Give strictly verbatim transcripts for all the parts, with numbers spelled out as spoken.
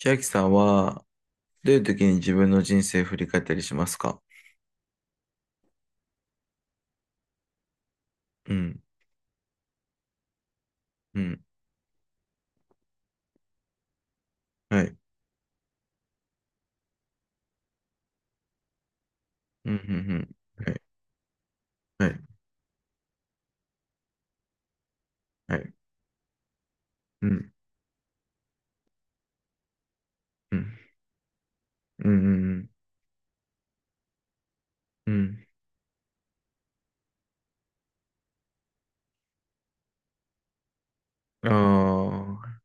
千秋さんは、どういう時に自分の人生振り返ったりしますか？うん、うん、はい、うん、うん、うん、はい、はい、はい、うん、うん、うん、うん、うん、ああ、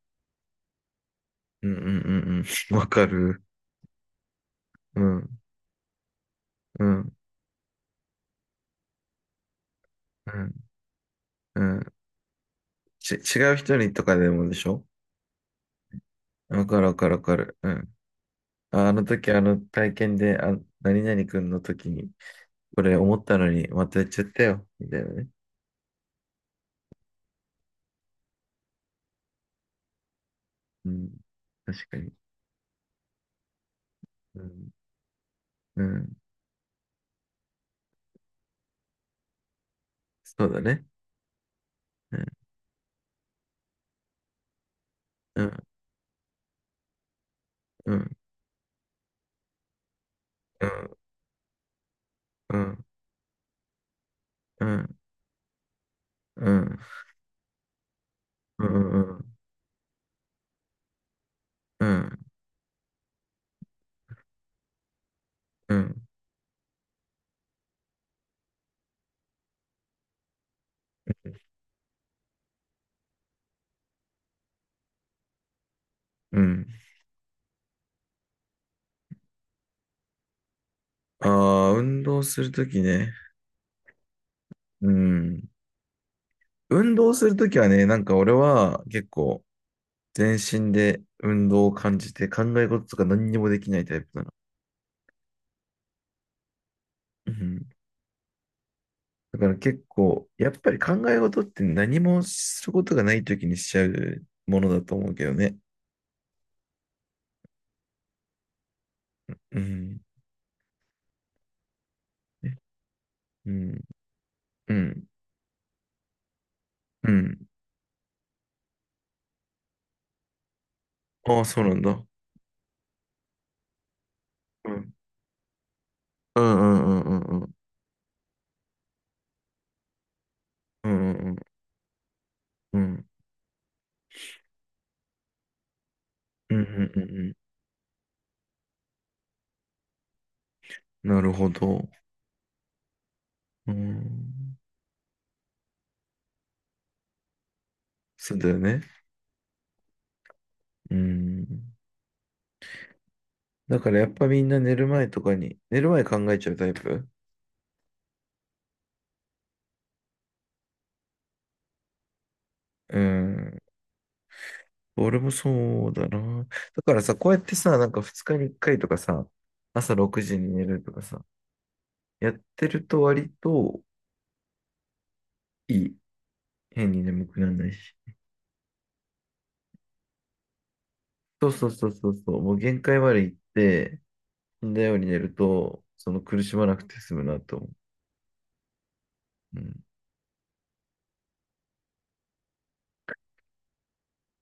うん、うん、うん、うん、わかる。うん、うん、うん、うん。ち、違う人にとかでもでしょ？わかる、わかる、わかる。うん。あ、あの時、あの体験で、あ、何々くんの時に、これ思ったのに、またやっちゃったよ、みたいなね。うん、確かに。うん、うん、そうだね。うん、うん、うん、うん、うん、うん、うん、うん、うん、うん。ああ、運動するときね。うん。運動するときはね、なんか俺は結構全身で運動を感じて考え事とか何にもできないタイプなの。うん。だから結構、やっぱり考え事って何もすることがないときにしちゃうものだと思うけどね。うん。うん。うん。うん。ああ、そうなんだ。うん。うんうんうんうんうん。うんうんうん。うんうんうんうん。なるほど。うん。そうだよね。うん。だからやっぱみんな寝る前とかに、寝る前考えちゃうタイプ。うん。俺もそうだな。だからさ、こうやってさ、なんかふつかにいっかいとかさ、朝ろくじに寝るとかさ、やってると割といい。変に眠くならないし。そうそうそうそうそう。もう限界まで行って、死んだように寝ると、その苦しまなくて済むなと思う。うん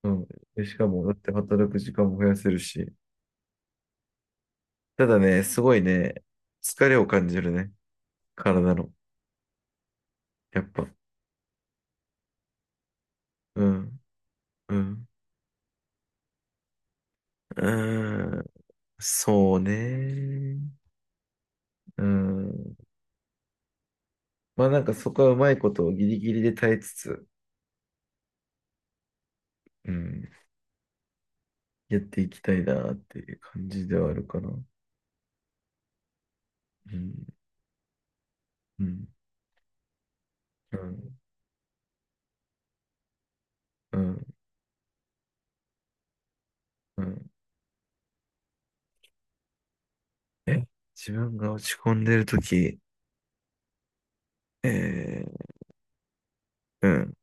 うん。で、しかも、だって働く時間も増やせるし。ただね、すごいね、疲れを感じるね。体の。やっぱ。うん。うん。うん。そうね。うん。まあなんかそこはうまいことをギリギリで耐えつつ、うん、やっていきたいなっていう感じではあるかな。うん。うん。うん。うん。うん。え、自分が落ち込んでるとき、えー、うん。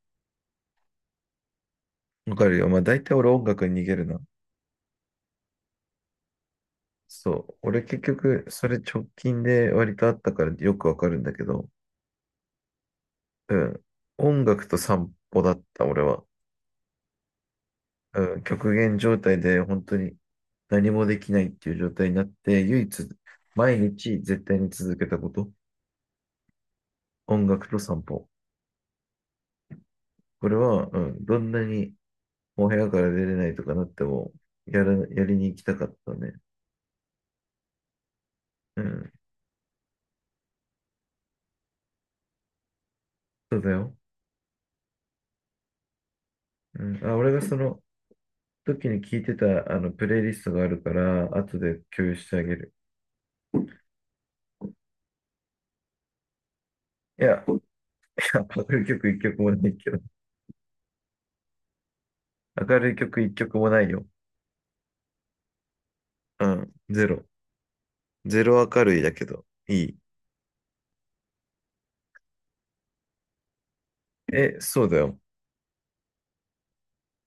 わかるよ。まあ大体俺音楽に逃げるな。そう。俺結局、それ直近で割とあったからよくわかるんだけど、うん。音楽と散歩だった、俺は。うん。極限状態で本当に何もできないっていう状態になって、唯一、毎日絶対に続けたこと。音楽と散歩。これは、うん、どんなにお部屋から出れないとかなっても、やら、やりに行きたかったね。うん。そうだよ。うん。あ、俺がその時に聞いてた、あの、プレイリストがあるから、後で共有してあげる。いや、明るい曲一曲もないけど。明るい曲一曲もないよ。うん、ゼロ。ゼロ明るいだけど、いい。え、そうだよ。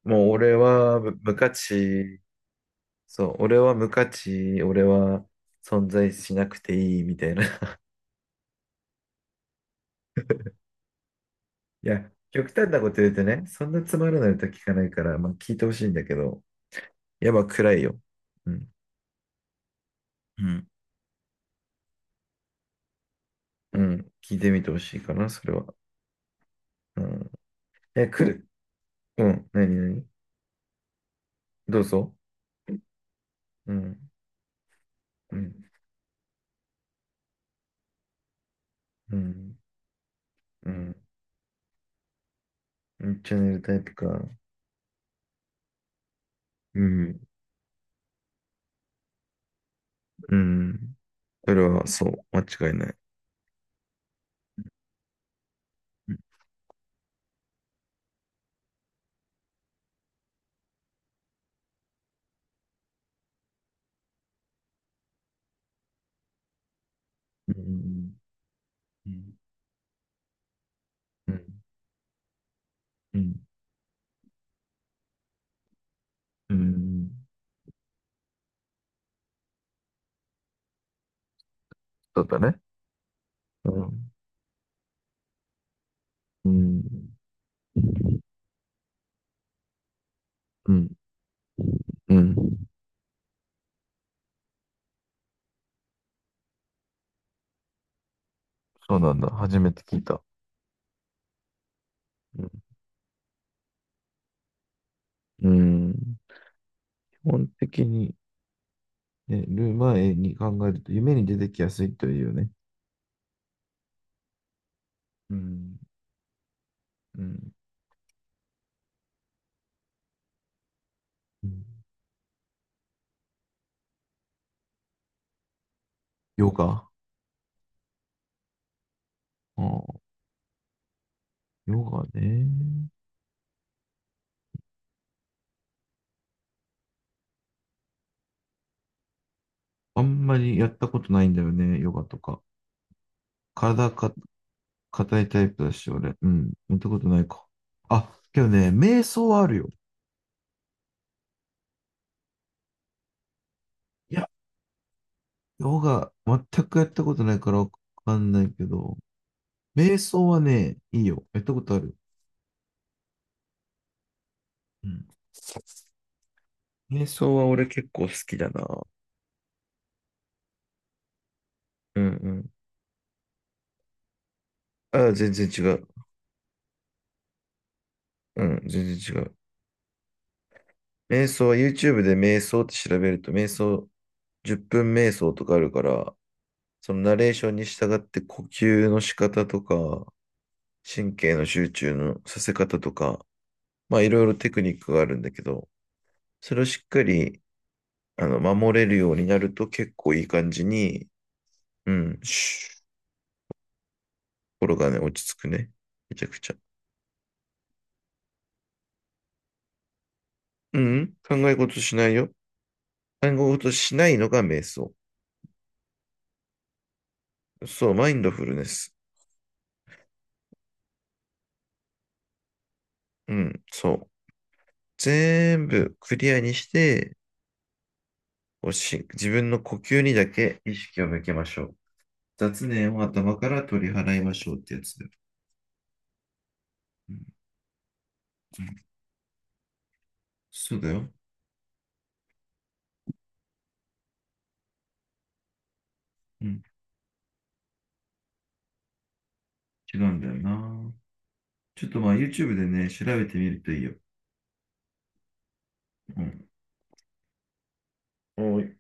もう俺は無無価値、そう、俺は無価値、俺は存在しなくていいみたいな。いや、極端なこと言うとね、そんなつまらない歌聞かないから、まあ聞いてほしいんだけど、やっぱ暗いよ。うん。うん。うん。聞いてみてほしいかな、それは。うん。え、来る。うん。なになに？どうぞ。うん。うん。うん。うん。チャンネルタイプか。うん。うん。それは、そう、間違いない。うん。うん。うん。うん。うん。そうだね。うん。うん。うん。うん。そうなんだ。初めて聞いた。うん。うん、基本的に、ね、寝る前に考えると、夢に出てきやすいというね。うん。うん。うん。ヨガ。ああ、ヨガね。あんまりやったことないんだよね、ヨガとか。体か、硬いタイプだし、俺。うん。やったことないか。あ、けどね、瞑想はあるよ。いや、ヨガ、全くやったことないからわかんないけど、瞑想はね、いいよ。やったことある。うん。瞑想は俺結構好きだな。うんうん。ああ、全然違う。うん、全然違う。瞑想は YouTube で瞑想って調べると、瞑想、じゅっぷん瞑想とかあるから、そのナレーションに従って呼吸の仕方とか、神経の集中のさせ方とか、まあいろいろテクニックがあるんだけど、それをしっかりあの守れるようになると結構いい感じに、うん、シュッ、心がね、落ち着くね。めちゃくちゃ。うん、考え事しないよ。考え事しないのが瞑想。そう、マインドフルネス。うん、そう。全部クリアにして、こうし自分の呼吸にだけ意識を向けましょう。雑念を頭から取り払いましょうってやつだよ。うん、うん、そうだよ。うん、違うんだよな。ちょっとまあ YouTube でね、調べてみるといいよ。うん。おい